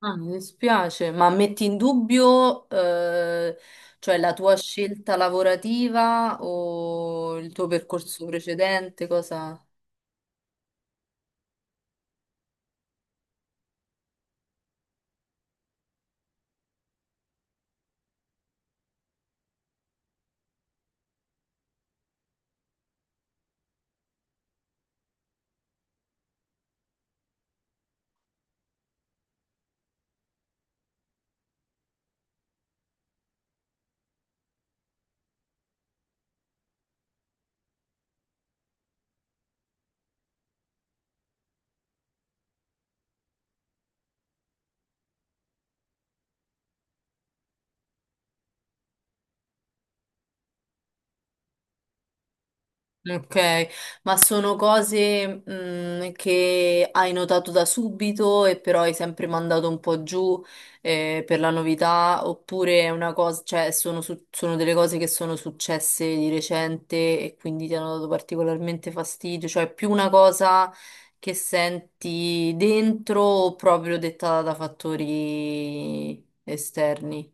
Ah, mi dispiace, ma metti in dubbio, cioè la tua scelta lavorativa o il tuo percorso precedente, cosa? Ok, ma sono cose, che hai notato da subito e però hai sempre mandato un po' giù, per la novità, oppure è una cosa, cioè sono, sono delle cose che sono successe di recente e quindi ti hanno dato particolarmente fastidio, cioè è più una cosa che senti dentro o proprio dettata da fattori esterni?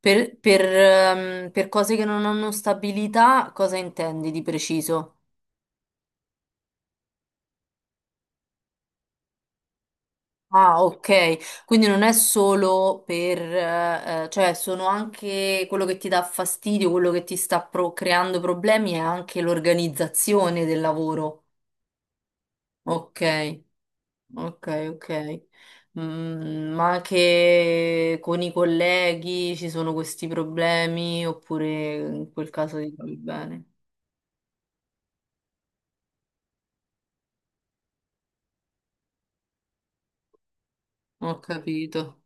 Per per cose che non hanno stabilità, cosa intendi di preciso? Ah, ok, quindi non è solo per, cioè sono anche quello che ti dà fastidio, quello che ti sta creando problemi, è anche l'organizzazione del lavoro. Ok, ok, ok. Mm, ma anche con i colleghi ci sono questi problemi, oppure in quel caso ti trovi bene? Ho capito,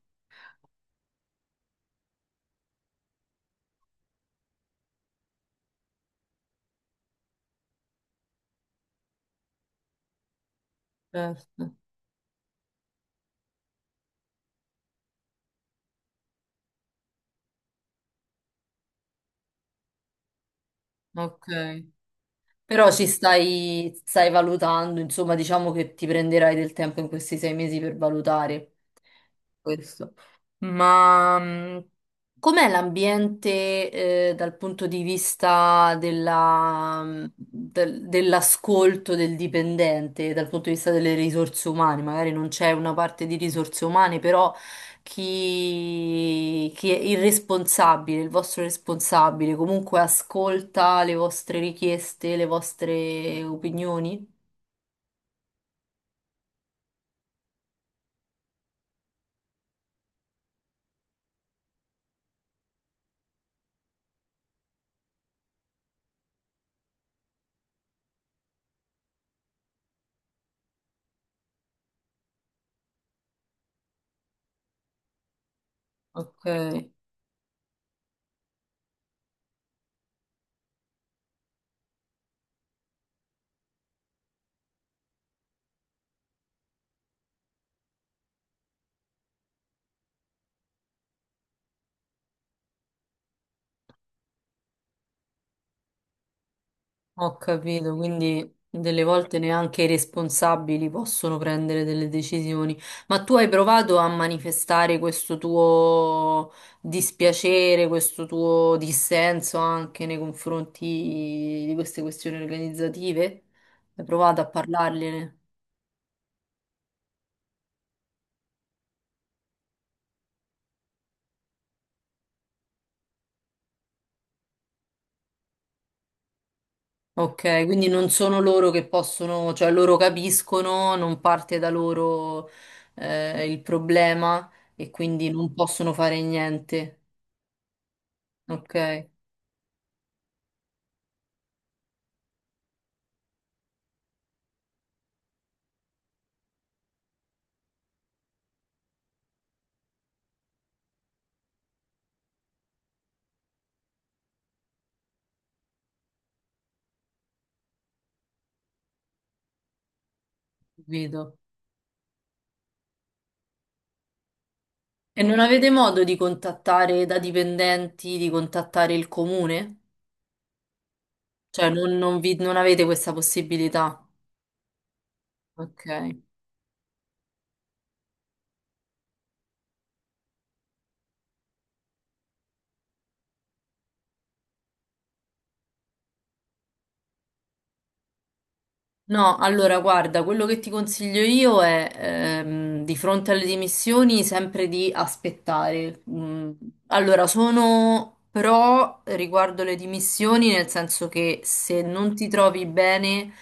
certo, ok. Però ci stai, stai valutando, insomma, diciamo che ti prenderai del tempo in questi 6 mesi per valutare questo. Ma com'è l'ambiente dal punto di vista della, dell'ascolto del dipendente, dal punto di vista delle risorse umane? Magari non c'è una parte di risorse umane, però chi, chi è il responsabile, il vostro responsabile, comunque ascolta le vostre richieste, le vostre opinioni? Ok. Ho capito, quindi delle volte neanche i responsabili possono prendere delle decisioni. Ma tu hai provato a manifestare questo tuo dispiacere, questo tuo dissenso anche nei confronti di queste questioni organizzative? Hai provato a parlargliene? Ok, quindi non sono loro che possono, cioè loro capiscono, non parte da loro il problema e quindi non possono fare niente. Ok. Vedo. E non avete modo di contattare da dipendenti, di contattare il comune? Cioè, non non avete questa possibilità? Ok. No, allora guarda, quello che ti consiglio io è di fronte alle dimissioni sempre di aspettare. Mm, allora, sono pro riguardo le dimissioni, nel senso che se non ti trovi bene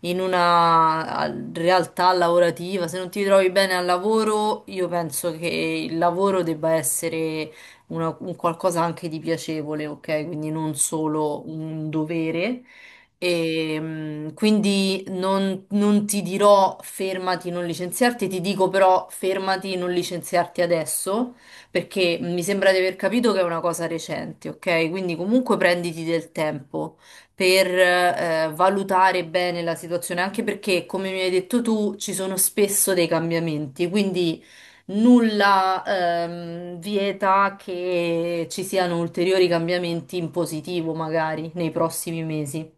in una realtà lavorativa, se non ti trovi bene al lavoro, io penso che il lavoro debba essere un qualcosa anche di piacevole, ok? Quindi non solo un dovere. E, quindi non ti dirò fermati, non licenziarti, ti dico però fermati, non licenziarti adesso, perché mi sembra di aver capito che è una cosa recente, ok? Quindi comunque prenditi del tempo per valutare bene la situazione, anche perché, come mi hai detto tu, ci sono spesso dei cambiamenti, quindi nulla vieta che ci siano ulteriori cambiamenti in positivo magari nei prossimi mesi.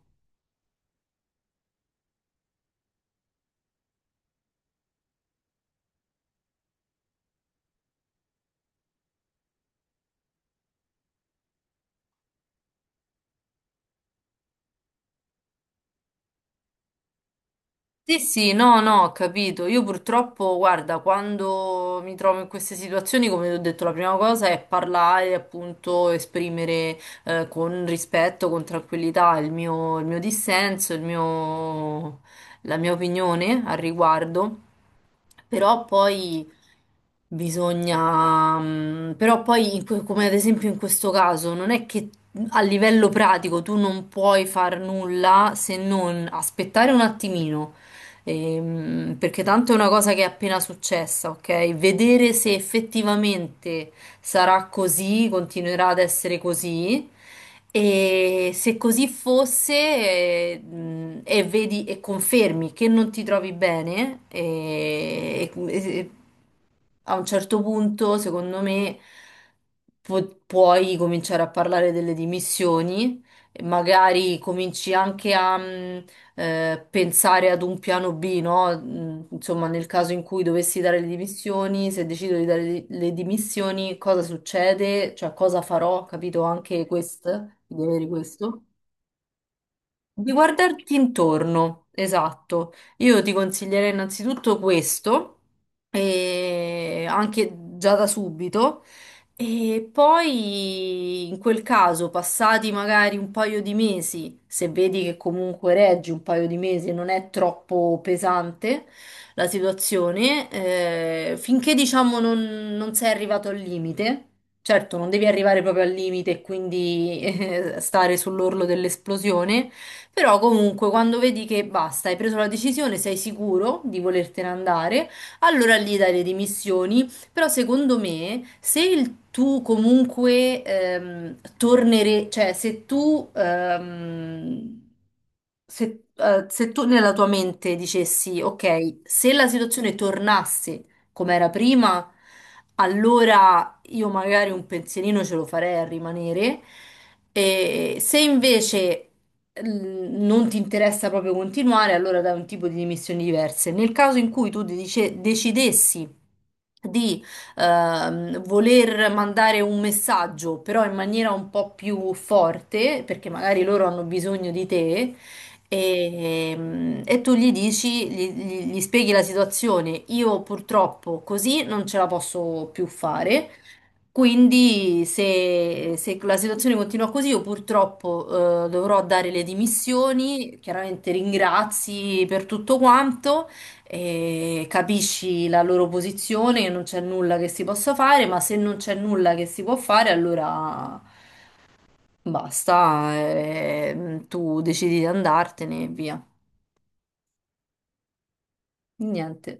Sì, sì, no, no, ho capito. Io purtroppo, guarda, quando mi trovo in queste situazioni, come ti ho detto, la prima cosa è parlare, appunto, esprimere con rispetto, con tranquillità il mio dissenso, la mia opinione al riguardo. Però poi bisogna, però poi, in come ad esempio in questo caso, non è che a livello pratico tu non puoi far nulla se non aspettare un attimino. Perché tanto è una cosa che è appena successa, ok? Vedere se effettivamente sarà così, continuerà ad essere così. E se così fosse, e vedi e confermi che non ti trovi bene, a un certo punto, secondo me, puoi cominciare a parlare delle dimissioni, e magari cominci anche a pensare ad un piano B, no? Insomma, nel caso in cui dovessi dare le dimissioni, se decido di dare le dimissioni, cosa succede? Cioè, cosa farò? Capito anche questo, di avere questo. Di guardarti intorno, esatto. Io ti consiglierei innanzitutto questo, e anche già da subito, e poi in quel caso, passati magari un paio di mesi, se vedi che comunque reggi un paio di mesi e non è troppo pesante la situazione, finché diciamo non sei arrivato al limite. Certo, non devi arrivare proprio al limite e quindi stare sull'orlo dell'esplosione, però comunque quando vedi che basta, hai preso la decisione, sei sicuro di volertene andare, allora lì dai le dimissioni. Però secondo me, se il tu comunque tornere, cioè se tu, se, se tu nella tua mente dicessi, ok, se la situazione tornasse come era prima, allora io magari un pensierino ce lo farei a rimanere. E se invece non ti interessa proprio continuare, allora dai un tipo di dimissioni diverse. Nel caso in cui tu decidessi di voler mandare un messaggio, però in maniera un po' più forte, perché magari loro hanno bisogno di te. E tu gli dici, gli spieghi la situazione. Io purtroppo così non ce la posso più fare. Quindi se la situazione continua così, io purtroppo dovrò dare le dimissioni, chiaramente ringrazi per tutto quanto, capisci la loro posizione, che non c'è nulla che si possa fare, ma se non c'è nulla che si può fare, allora basta, tu decidi di andartene e via. Niente.